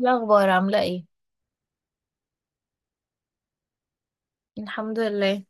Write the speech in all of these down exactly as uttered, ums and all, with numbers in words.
إيه الأخبار عاملة ايه؟ الحمد لله.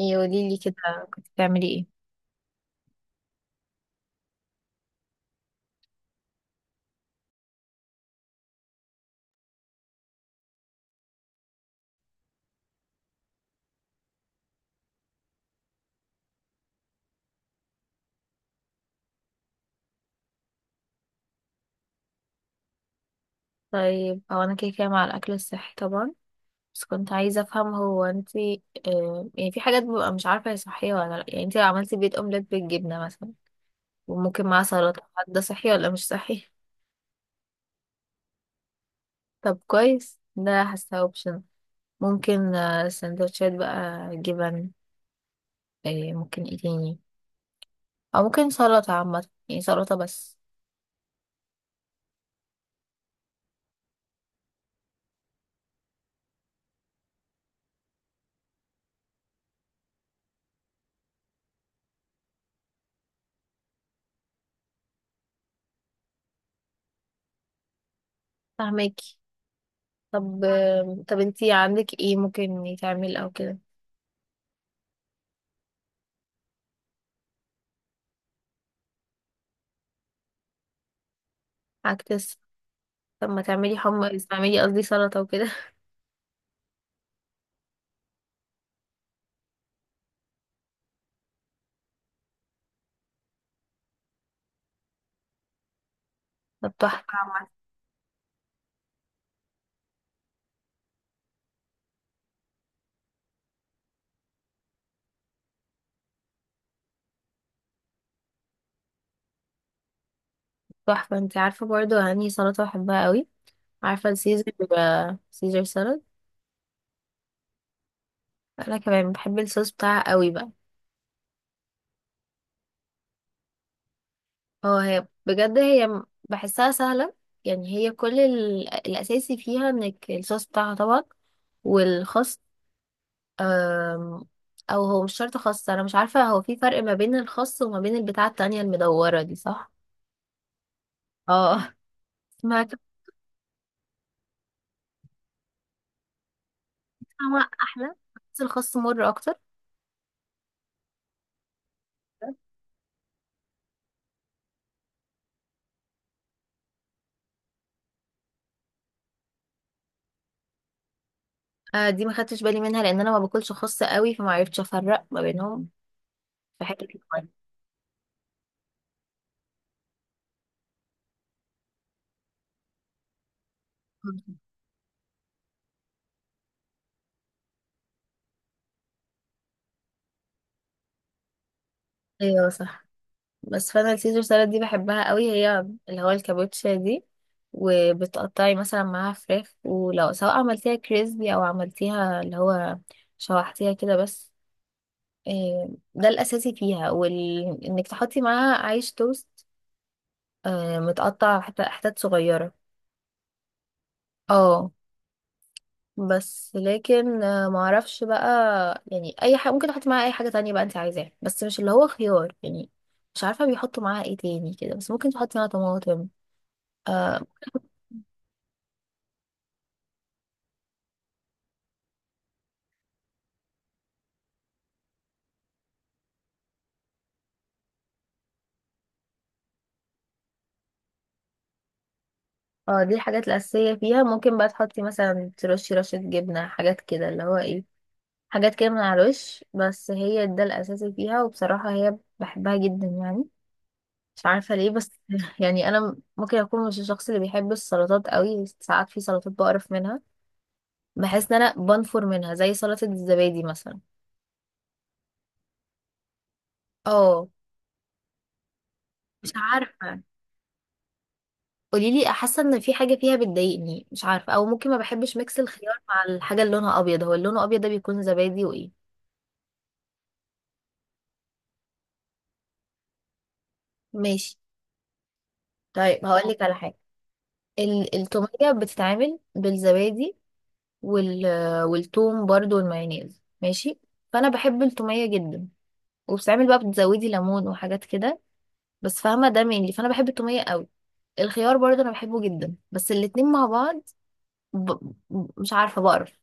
ايه قوليلي كده، كنت بتعملي ايه؟ طيب هو أنا كده كده مع الأكل الصحي طبعا، بس كنت عايزة أفهم. هو انتي آه يعني في حاجات ببقى مش عارفة هي صحية ولا لأ. يعني انتي لو عملتي بيض أومليت بالجبنة مثلا وممكن معاه سلطة، هل ده صحي ولا مش صحي؟ طب كويس، ده حاسة اوبشن. ممكن آه، سندوتشات بقى جبن. آه ممكن ايه تاني؟ أو ممكن سلطة عامة، يعني سلطة بس. فاهمك. طب آم، طب انتي عندك ايه ممكن يتعمل او كده؟ عكس. طب ما تعملي حمص، تعملي قصدي سلطة وكده. طب تحفة عامة. تحفة. انتي عارفة برضو انهي سلطة بحبها قوي؟ عارفة السيزر؟ آه، سيزر سلطة. انا كمان بحب الصوص بتاعها قوي بقى. هو هي بجد هي م- بحسها سهلة. يعني هي كل ال... الاساسي فيها انك الصوص بتاعها طبعا، والخس. آم، او هو مش شرط خس. انا مش عارفة هو في فرق ما بين الخس وما بين البتاعة التانية المدورة دي؟ صح. اه. سمعت. هو احلى، بس الخاص مر اكتر. آه دي ما خدتش بالي منها لان انا ما باكلش خاص قوي، فما عرفتش افرق ما بينهم. في حته الفرق. ايوه صح. بس فانا السيزر سالاد دي بحبها قوي، هي اللي هو الكابوتشا دي. وبتقطعي مثلا معاها فراخ، ولو سواء عملتيها كريسبي او عملتيها اللي هو شوحتيها كده بس. آه، ده الاساسي فيها وال... انك تحطي معاها عيش توست، آه، متقطع حتت حتت صغيره. اه. بس لكن آه، معرفش بقى. يعني اي حاجه ممكن احط معاها، اي حاجه تانية بقى انت عايزاها، بس مش اللي هو خيار يعني. مش عارفه بيحطوا معاها ايه تاني كده، بس ممكن تحطي معاها طماطم. اه. آه، دي الحاجات الاساسيه فيها. ممكن بقى تحطي مثلا، ترشي رشه جبنه، حاجات كده اللي هو ايه، حاجات كده من على الوش. بس هي ده الاساسي فيها، وبصراحه هي بحبها جدا يعني، مش عارفه ليه بس. يعني انا ممكن اكون مش الشخص اللي بيحب السلطات قوي. ساعات في سلطات بقرف منها، بحس ان انا بنفر منها، زي سلطة الزبادي مثلا. اه. مش عارفة، قوليلي. حاسة ان في حاجة فيها بتضايقني مش عارفة، او ممكن ما بحبش ميكس الخيار مع الحاجة اللي لونها ابيض. هو اللي لونه ابيض ده بيكون زبادي وايه؟ ماشي. طيب هقولك على حاجة. ال- التومية بتتعمل بالزبادي، وال والثوم برضو والمايونيز، ماشي. فانا بحب التومية جدا، وبتتعمل بقى بتزودي ليمون وحاجات كده. بس فاهمة ده مين؟ فانا بحب التومية قوي. الخيار برضو انا بحبه جدا، بس الاتنين مع بعض ب... مش عارفة بقرف.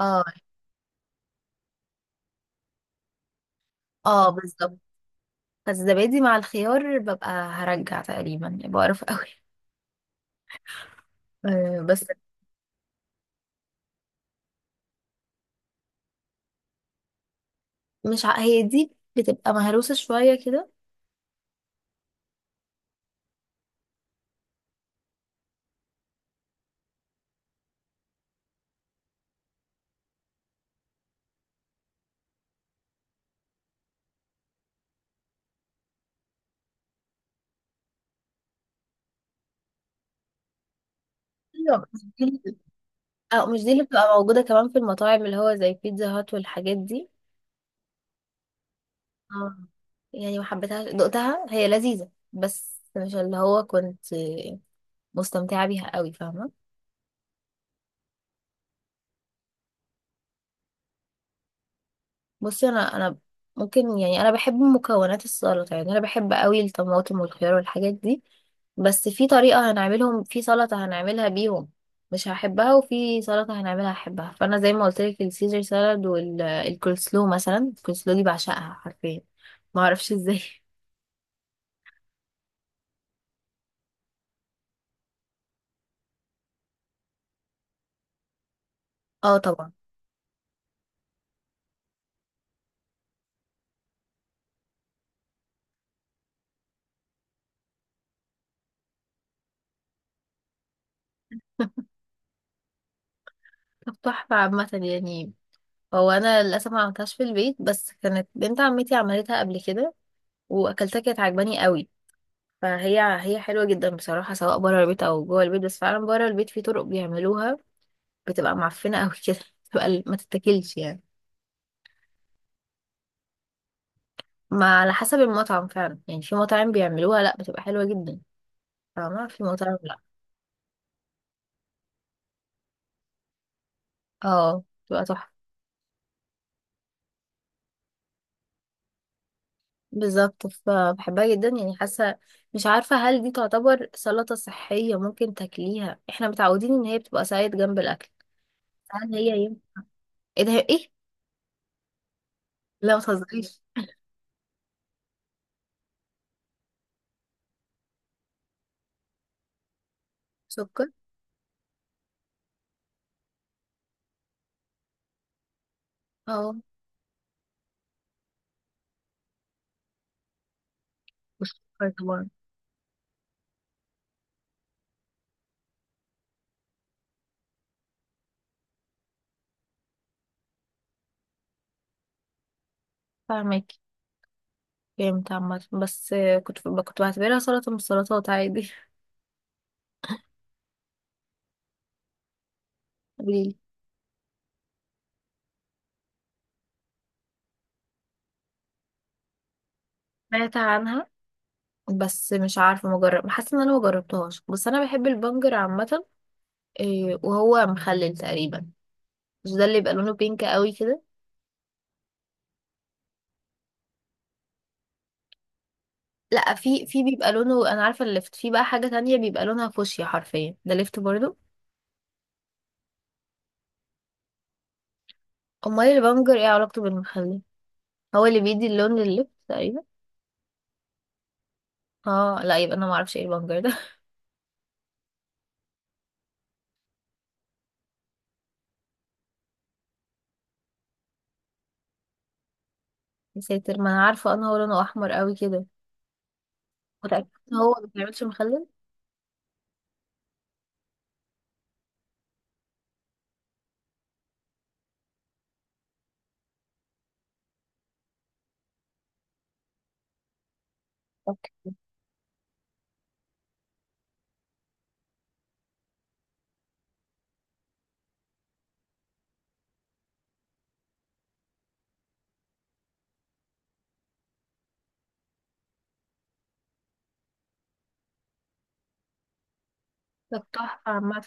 اه. اه بالظبط. فالزبادي مع الخيار ببقى هرجع تقريبا، يعني بقرف قوي. آه بس مش ع... هي دي بتبقى مهروسة شوية كده؟ ايوه مش دي اللي- اه مش دي اللي بتبقى موجودة كمان في المطاعم، اللي هو زي بيتزا هات والحاجات دي؟ اه. يعني ما حبيتهاش، دقتها هي لذيذة بس مش اللي هو كنت مستمتعة بيها قوي، فاهمة. بصي انا انا ممكن يعني انا بحب مكونات السلطه. يعني انا بحب قوي الطماطم والخيار والحاجات دي، بس في طريقه هنعملهم في سلطه هنعملها بيهم مش هحبها، وفي سلطه هنعملها هحبها. فانا زي ما قلت لك السيزر سالاد والكولسلو مثلا. الكولسلو دي بعشقها حرفيا، ما اعرفش ازاي. اه طبعا. طب تحفه عامه يعني. هو انا للاسف ما عملتهاش في البيت، بس كانت بنت عمتي عملتها قبل كده واكلتها، كانت عجباني قوي. فهي هي حلوة جدا بصراحة سواء بره البيت أو جوه البيت. بس فعلا بره البيت في طرق بيعملوها بتبقى معفنة أوي كده، بتبقى ال- ما تتاكلش يعني. ما على حسب المطعم فعلا. يعني في مطاعم بيعملوها لأ بتبقى حلوة جدا، فما في مطاعم لأ. اه بتبقى تحفة. بالظبط، فبحبها جدا يعني. حاسة، مش عارفة هل دي تعتبر سلطة صحية ممكن تاكليها؟ احنا متعودين ان هي بتبقى سايد جنب الأكل. هل هي ايه؟ ايه ده ايه؟ لا متهزريش. سكر. اه. والسكر طبعا. فاهمك. فهمت عامة. بس كنت كنت بعتبرها سلطة من السلطات عادي. قوليلي. سمعت عنها، بس مش عارفة مجرب. حاسة ان انا مجربتهاش، بس انا بحب البنجر عامة. إيه، وهو مخلل تقريبا؟ مش ده اللي بيبقى لونه بينك قوي كده؟ لا، في في بيبقى لونه، انا عارفة اللفت في بقى حاجة تانية بيبقى لونها فوشيا حرفيا، ده لفت برضو. امال البنجر ايه علاقته بالمخلل؟ هو اللي بيدي اللون لللفت تقريبا. اه لا يبقى انا معرفش ايه البنجر ده. يا ساتر، ما انا عارفة ان هو لونه احمر قوي كده. متأكدة ان هو ما بيعملش مخلل؟ طب تحفة عامة.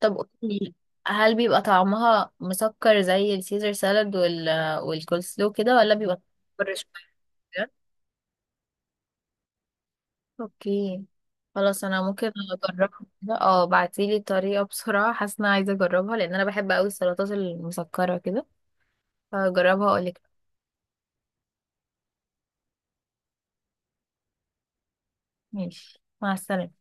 طب قولي، هل بيبقى طعمها مسكر زي السيزر سالاد وال والكولسلو كده، ولا بيبقى مسكر شوية كده؟ اوكي خلاص، انا ممكن اجربها. كده اه بعتيلي الطريقة بسرعة، حاسة ان انا عايزة اجربها، لان انا بحب اوي السلطات المسكرة كده. هجربها اقولك. ماشي، مع السلامة.